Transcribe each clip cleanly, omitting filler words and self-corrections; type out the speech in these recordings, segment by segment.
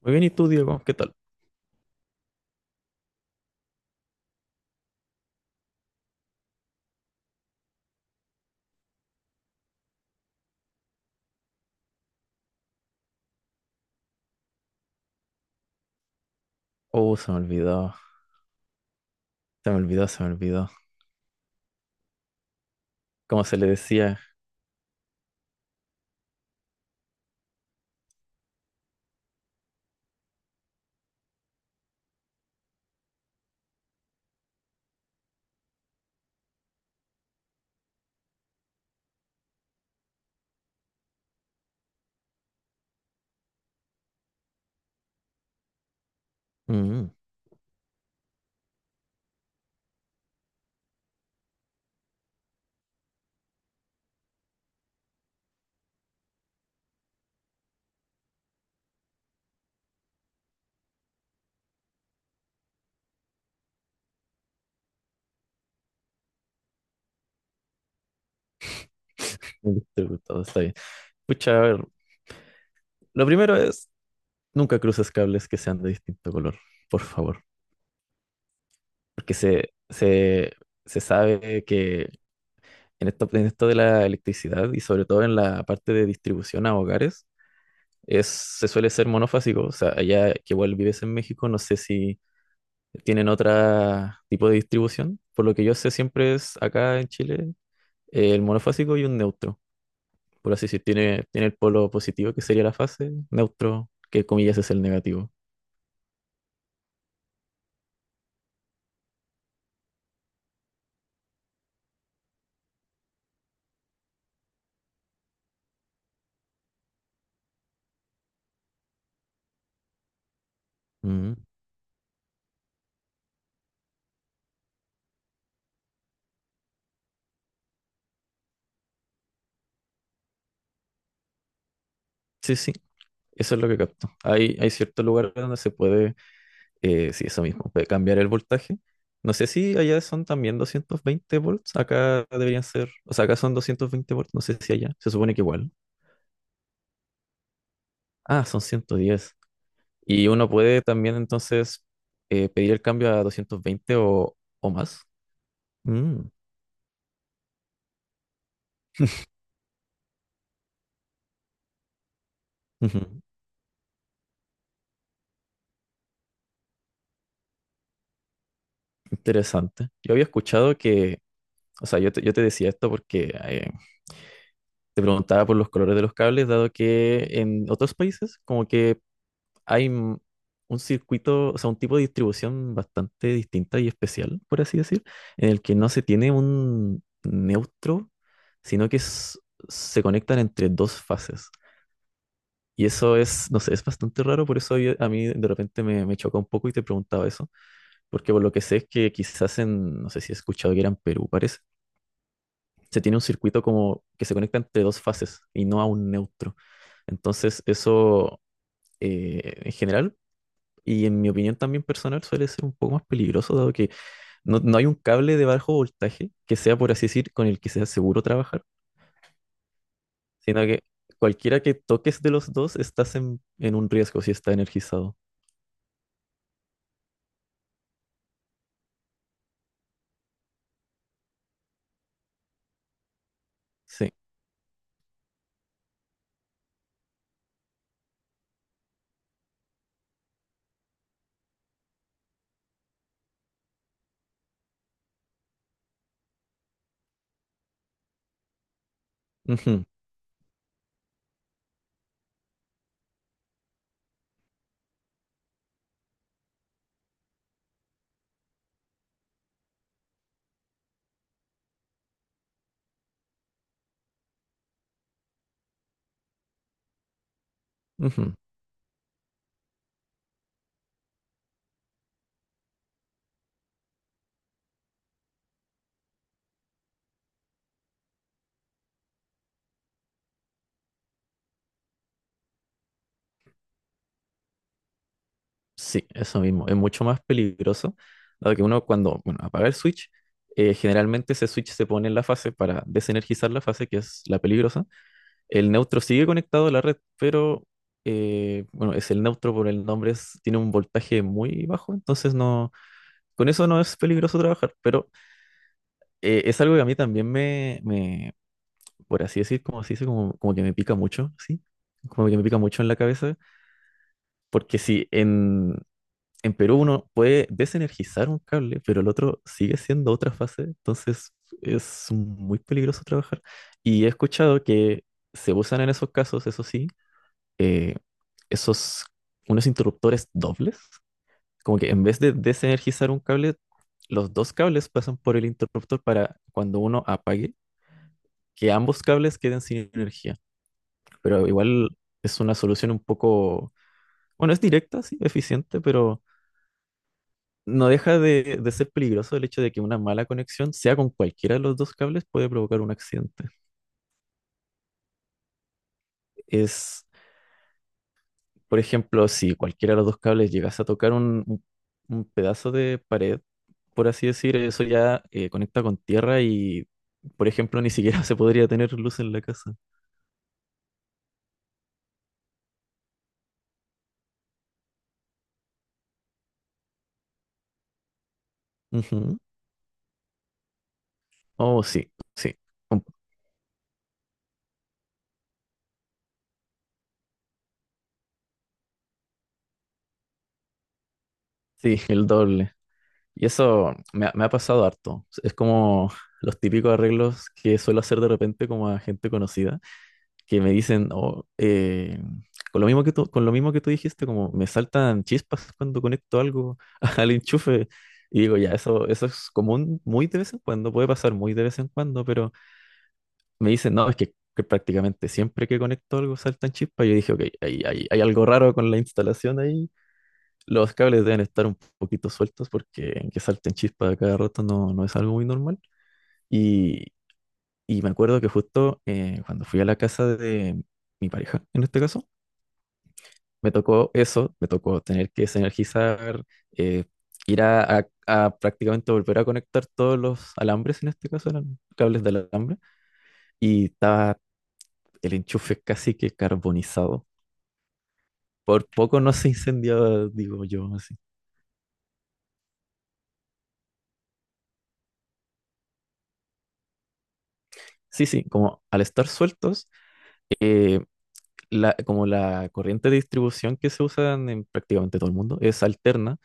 Muy bien, ¿y tú, Diego? ¿Qué tal? Oh, se me olvidó, se me olvidó. Como se le decía, mm, un distribuidor, está bien. Pucha, a ver, lo primero es, nunca cruces cables que sean de distinto color, por favor. Porque se sabe que en esto de la electricidad y sobre todo en la parte de distribución a hogares, se suele ser monofásico. O sea, allá que igual vives en México, no sé si tienen otro tipo de distribución. Por lo que yo sé, siempre es acá en Chile el monofásico y un neutro. Por así decir, tiene el polo positivo, que sería la fase, neutro, que comillas es el negativo. Mm. Sí, sí, eso es lo que capto. Hay ciertos lugares donde se puede, sí, eso mismo, puede cambiar el voltaje. No sé si allá son también 220 volts, acá deberían ser, o sea, acá son 220 volts, no sé si allá, se supone que igual. Ah, son 110. Y uno puede también entonces pedir el cambio a 220 o más. Mm. Ujú. Interesante. Yo había escuchado que, o sea, yo te decía esto porque te preguntaba por los colores de los cables, dado que en otros países como que hay un circuito, o sea, un tipo de distribución bastante distinta y especial, por así decir, en el que no se tiene un neutro, sino que s- se conectan entre dos fases. Y eso es, no sé, es bastante raro, por eso a mí de repente me chocó un poco y te preguntaba eso, porque por lo que sé es que quizás en, no sé si he escuchado que era en Perú, parece se tiene un circuito como que se conecta entre dos fases y no a un neutro. Entonces, eso en general, y en mi opinión también personal, suele ser un poco más peligroso, dado que no, no hay un cable de bajo voltaje que sea, por así decir, con el que sea seguro trabajar, sino que cualquiera que toques de los dos estás en un riesgo si está energizado. Sí. Ujú, ujú. Sí, eso mismo. Es mucho más peligroso, dado que uno cuando, bueno, apaga el switch, generalmente ese switch se pone en la fase para desenergizar la fase, que es la peligrosa. El neutro sigue conectado a la red, pero, bueno, es el neutro por el nombre, tiene un voltaje muy bajo, entonces no, con eso no es peligroso trabajar, pero es algo que a mí también por así decir, como se dice, como que me pica mucho, ¿sí? Como que me pica mucho en la cabeza, porque si en, en Perú uno puede desenergizar un cable, pero el otro sigue siendo otra fase, entonces es muy peligroso trabajar. Y he escuchado que se usan en esos casos, eso sí, eh, esos, unos interruptores dobles, como que en vez de desenergizar un cable, los dos cables pasan por el interruptor para cuando uno apague, que ambos cables queden sin energía. Pero igual es una solución un poco, bueno, es directa, sí, eficiente, pero no deja de ser peligroso el hecho de que una mala conexión, sea con cualquiera de los dos cables, puede provocar un accidente. Es, por ejemplo, si cualquiera de los dos cables llegas a tocar un pedazo de pared, por así decir, eso ya conecta con tierra y, por ejemplo, ni siquiera se podría tener luz en la casa. Ujú. Oh, sí, sí, un- sí, el doble. Y eso me ha pasado harto. Es como los típicos arreglos que suelo hacer de repente como a gente conocida que me dicen, oh, con lo mismo que tú, con lo mismo que tú dijiste, como me saltan chispas cuando conecto algo al enchufe. Y digo, ya, eso es común muy de vez en cuando, puede pasar muy de vez en cuando, pero me dicen, no, es que prácticamente siempre que conecto algo saltan chispas. Yo dije, ok, hay algo raro con la instalación ahí. Los cables deben estar un poquito sueltos porque que salten chispas a cada rato no, no es algo muy normal. Y, y me acuerdo que justo cuando fui a la casa de mi pareja, en este caso, me tocó eso, me tocó tener que desenergizar, eh, ir a prácticamente volver a conectar todos los alambres, en este caso eran cables de alambre, y estaba el enchufe casi que carbonizado. Por poco no se incendiaba, digo yo, así. Sí, sí, como al estar sueltos, eh, como la corriente de distribución que se usa en prácticamente todo el mundo es alterna.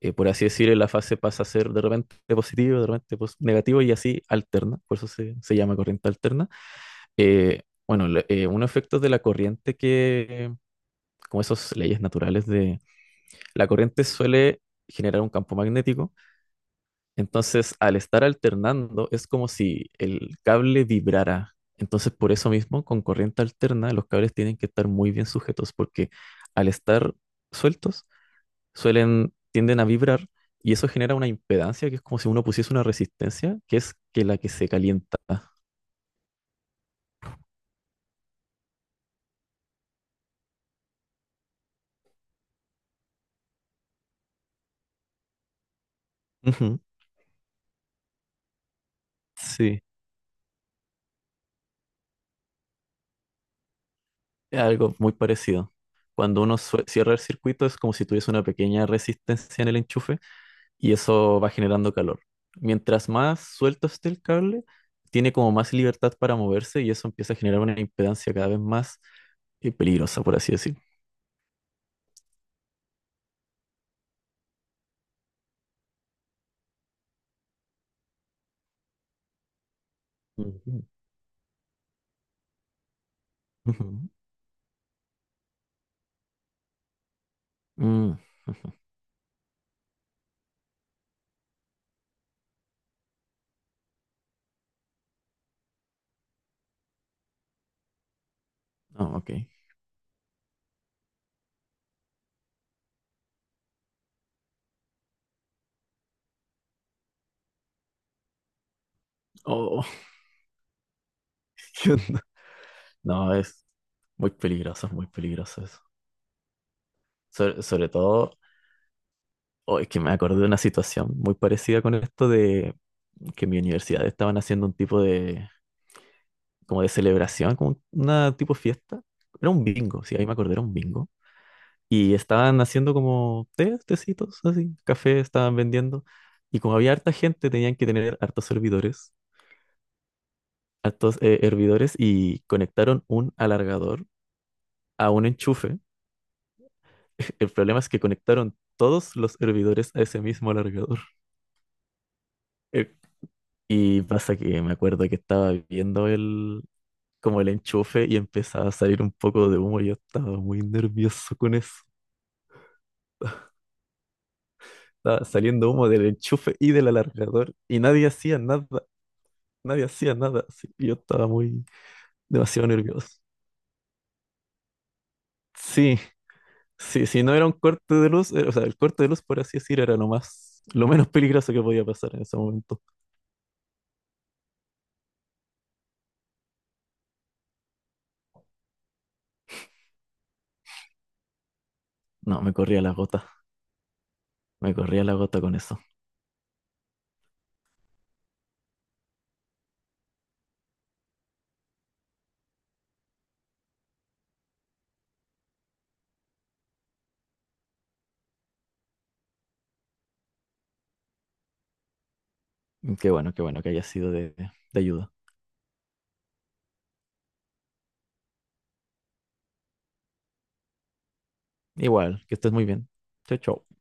Eh, por así decir, la fase pasa a ser de repente positivo, de repente negativo y así alterna. Por eso se llama corriente alterna. Eh, un efecto de la corriente que, como esas leyes naturales de la corriente suele generar un campo magnético entonces, al estar alternando, es como si el cable vibrara. Entonces, por eso mismo, con corriente alterna, los cables tienen que estar muy bien sujetos, porque al estar sueltos, tienden a vibrar y eso genera una impedancia que es como si uno pusiese una resistencia, que es que la que se calienta. Ujú, sí, es algo muy parecido. Cuando uno cierra el circuito, es como si tuviese una pequeña resistencia en el enchufe y eso va generando calor. Mientras más suelto esté el cable, tiene como más libertad para moverse y eso empieza a generar una impedancia cada vez más peligrosa, por así decir. Ujú, ujú, mm, ujú. Ah, ok. Oh, ¿qué onda? No, es muy peligroso eso. Sobre todo, oh, es que me acordé de una situación muy parecida con esto de que en mi universidad estaban haciendo un tipo de, como de celebración, como una tipo fiesta. Era un bingo, sí, ahí me acordé, era un bingo. Y estaban haciendo como tecitos, así, café estaban vendiendo. Y como había harta gente, tenían que tener hartos servidores, hartos hervidores, y conectaron un alargador a un enchufe. El problema es que conectaron todos los hervidores a ese mismo alargador. Eh, Y pasa que me acuerdo que estaba viendo como el enchufe y empezaba a salir un poco de humo. Yo estaba muy nervioso con eso. Estaba saliendo humo del enchufe y del alargador y nadie hacía nada. Nadie hacía nada, así que yo estaba muy, demasiado nervioso. Sí, sí, si no era un corte de luz, o sea, el corte de luz, por así decir, era lo menos peligroso que podía pasar en ese momento. No, me corría la gota, me corría la gota con eso. Qué bueno que haya sido de ayuda. Igual, que estés muy bien. Chao, chao.